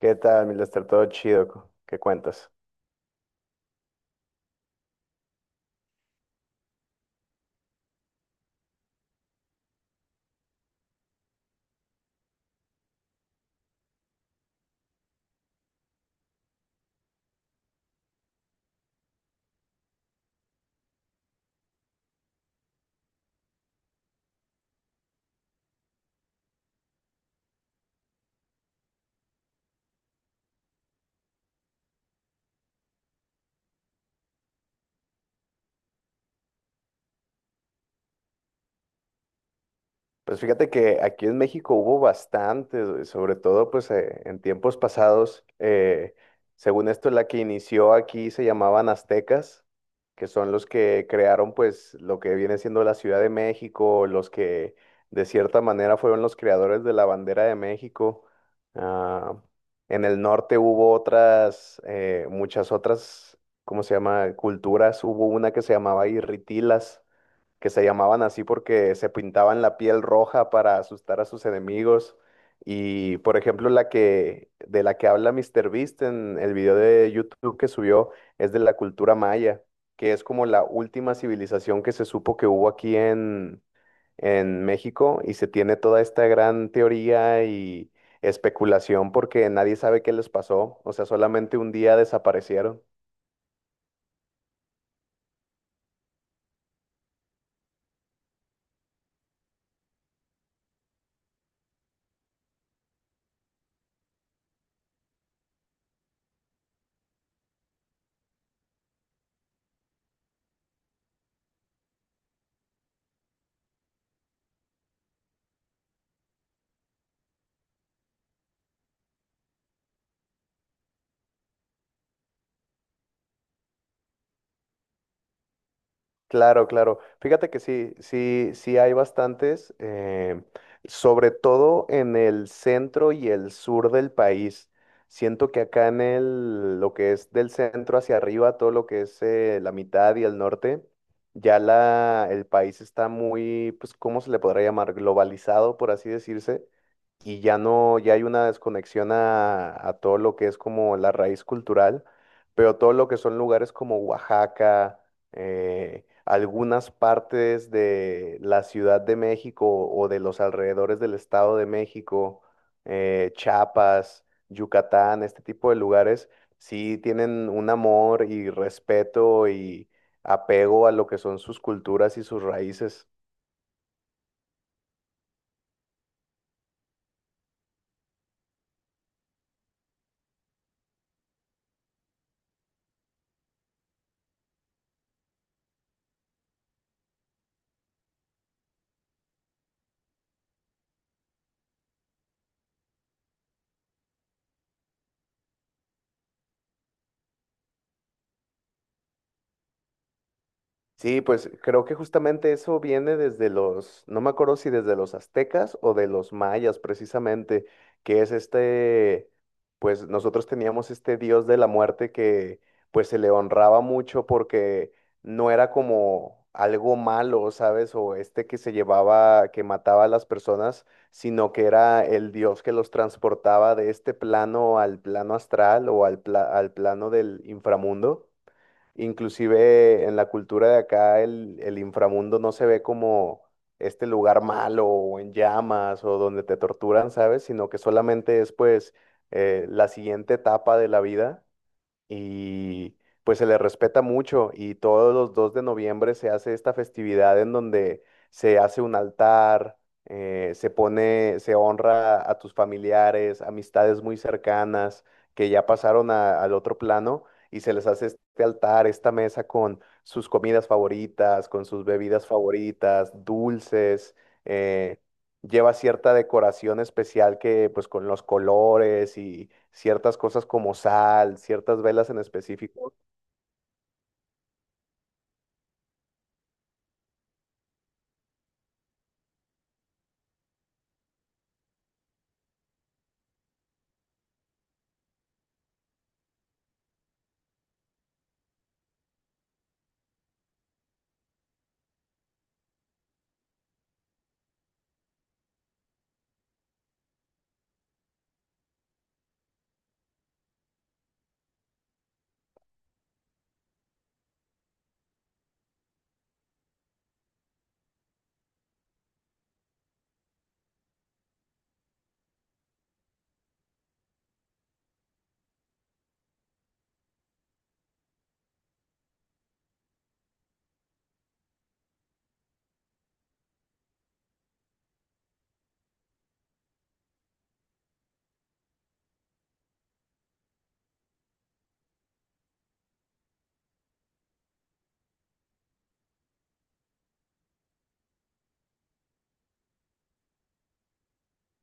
¿Qué tal, mi Lester? Todo chido, ¿qué cuentas? Pues fíjate que aquí en México hubo bastantes, güey, sobre todo pues en tiempos pasados, según esto la que inició aquí se llamaban aztecas, que son los que crearon pues lo que viene siendo la Ciudad de México, los que de cierta manera fueron los creadores de la bandera de México. Ah, en el norte hubo otras, muchas otras, ¿cómo se llama? Culturas, hubo una que se llamaba Irritilas que se llamaban así porque se pintaban la piel roja para asustar a sus enemigos. Y por ejemplo, la que de la que habla Mr. Beast en el video de YouTube que subió es de la cultura maya, que es como la última civilización que se supo que hubo en México y se tiene toda esta gran teoría y especulación porque nadie sabe qué les pasó, o sea, solamente un día desaparecieron. Claro, claro. Fíjate que sí, sí, sí hay bastantes, sobre todo en el centro y el sur del país. Siento que lo que es del centro hacia arriba, todo lo que es la mitad y el norte, el país está muy, pues, ¿cómo se le podrá llamar? Globalizado, por así decirse. Y ya no, ya hay una desconexión a todo lo que es como la raíz cultural, pero todo lo que son lugares como Oaxaca, algunas partes de la Ciudad de México o de los alrededores del Estado de México, Chiapas, Yucatán, este tipo de lugares, sí tienen un amor y respeto y apego a lo que son sus culturas y sus raíces. Sí, pues creo que justamente eso viene desde los, no me acuerdo si desde los aztecas o de los mayas precisamente, que es este, pues nosotros teníamos este dios de la muerte que pues se le honraba mucho porque no era como algo malo, ¿sabes? O este que se llevaba, que mataba a las personas, sino que era el dios que los transportaba de este plano al plano astral o al plano del inframundo. Inclusive en la cultura de acá el inframundo no se ve como este lugar malo o en llamas o donde te torturan, ¿sabes? Sino que solamente es pues la siguiente etapa de la vida y pues se le respeta mucho y todos los 2 de noviembre se hace esta festividad en donde se hace un altar, se honra a tus familiares, amistades muy cercanas que ya pasaron al otro plano y se les hace este altar, esta mesa con sus comidas favoritas, con sus bebidas favoritas, dulces. eh, Lleva cierta decoración especial que pues con los colores y ciertas cosas como sal, ciertas velas en específico,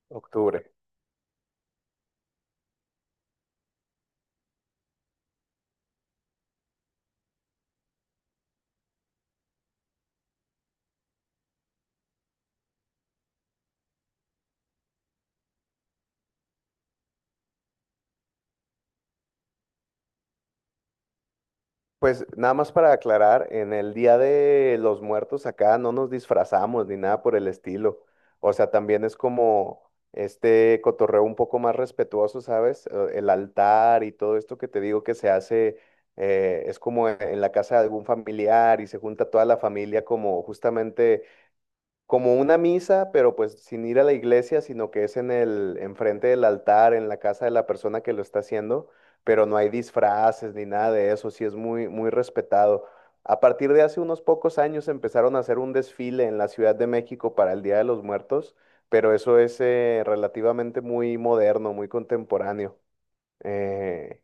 octubre. Pues nada más para aclarar, en el Día de los Muertos acá no nos disfrazamos ni nada por el estilo. O sea, también es como este cotorreo un poco más respetuoso, ¿sabes? El altar y todo esto que te digo que se hace es como en la casa de algún familiar y se junta toda la familia como justamente como una misa, pero pues sin ir a la iglesia, sino que es enfrente del altar, en la casa de la persona que lo está haciendo, pero no hay disfraces ni nada de eso, sí es muy, muy respetado. A partir de hace unos pocos años empezaron a hacer un desfile en la Ciudad de México para el Día de los Muertos, pero eso es relativamente muy moderno, muy contemporáneo. Eh,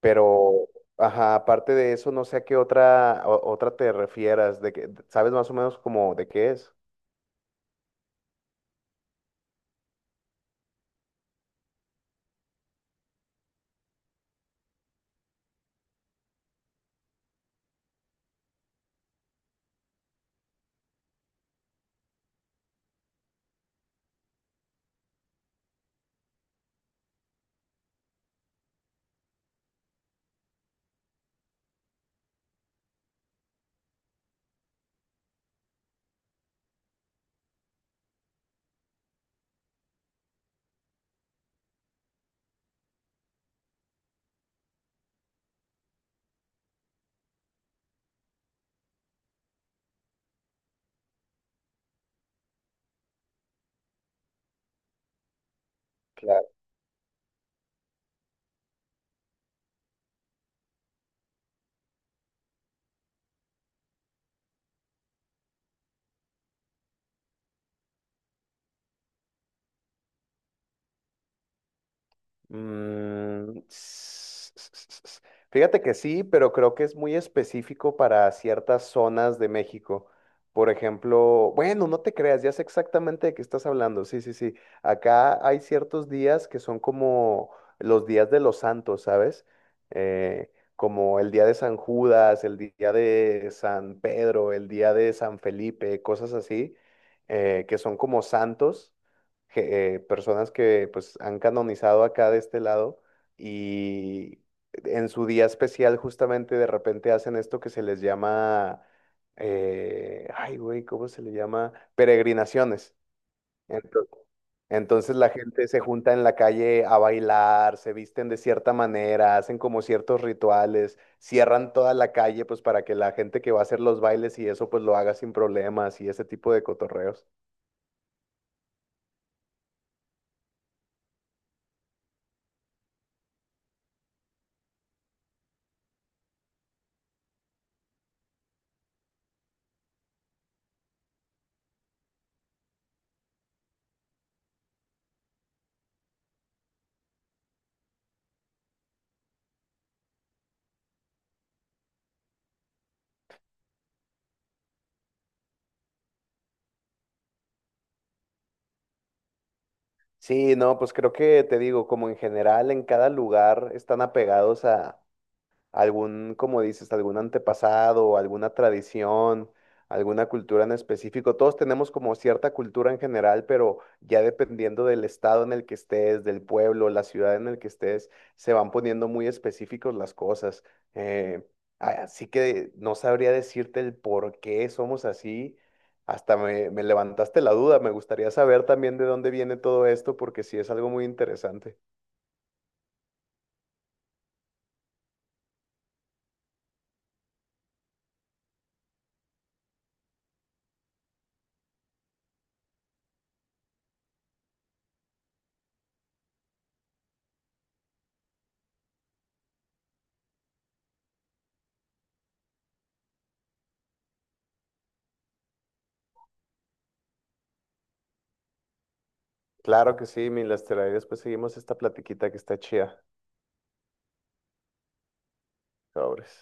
pero, ajá, aparte de eso, no sé a qué otra te refieras, de que, ¿sabes más o menos como de qué es? Mm, s- s- s- s- Fíjate que sí, pero creo que es muy específico para ciertas zonas de México. Por ejemplo, bueno, no te creas, ya sé exactamente de qué estás hablando. Sí, sí, sí. Acá hay ciertos días que son como los días de los santos, ¿sabes? Eh, Como el día de San Judas, el día de San Pedro, el día de San Felipe, cosas así, que son como santos personas que pues han canonizado acá de este lado y en su día especial justamente de repente hacen esto que se les llama, ay güey, ¿cómo se le llama? Peregrinaciones. entonces Entonces la gente se junta en la calle a bailar, se visten de cierta manera, hacen como ciertos rituales, cierran toda la calle pues para que la gente que va a hacer los bailes y eso pues lo haga sin problemas y ese tipo de cotorreos. Sí, no, pues creo que te digo, como en general en cada lugar están apegados algún, como dices, algún antepasado, alguna tradición, alguna cultura en específico. Todos tenemos como cierta cultura en general, pero ya dependiendo del estado en el que estés, del pueblo, la ciudad en el que estés, se van poniendo muy específicos las cosas. Eh, Así que no sabría decirte el por qué somos así. Me levantaste la duda. Me gustaría saber también de dónde viene todo esto, porque sí es algo muy interesante. Claro que sí, mi Lester. Ahí después seguimos esta platiquita que está chida. Sobres.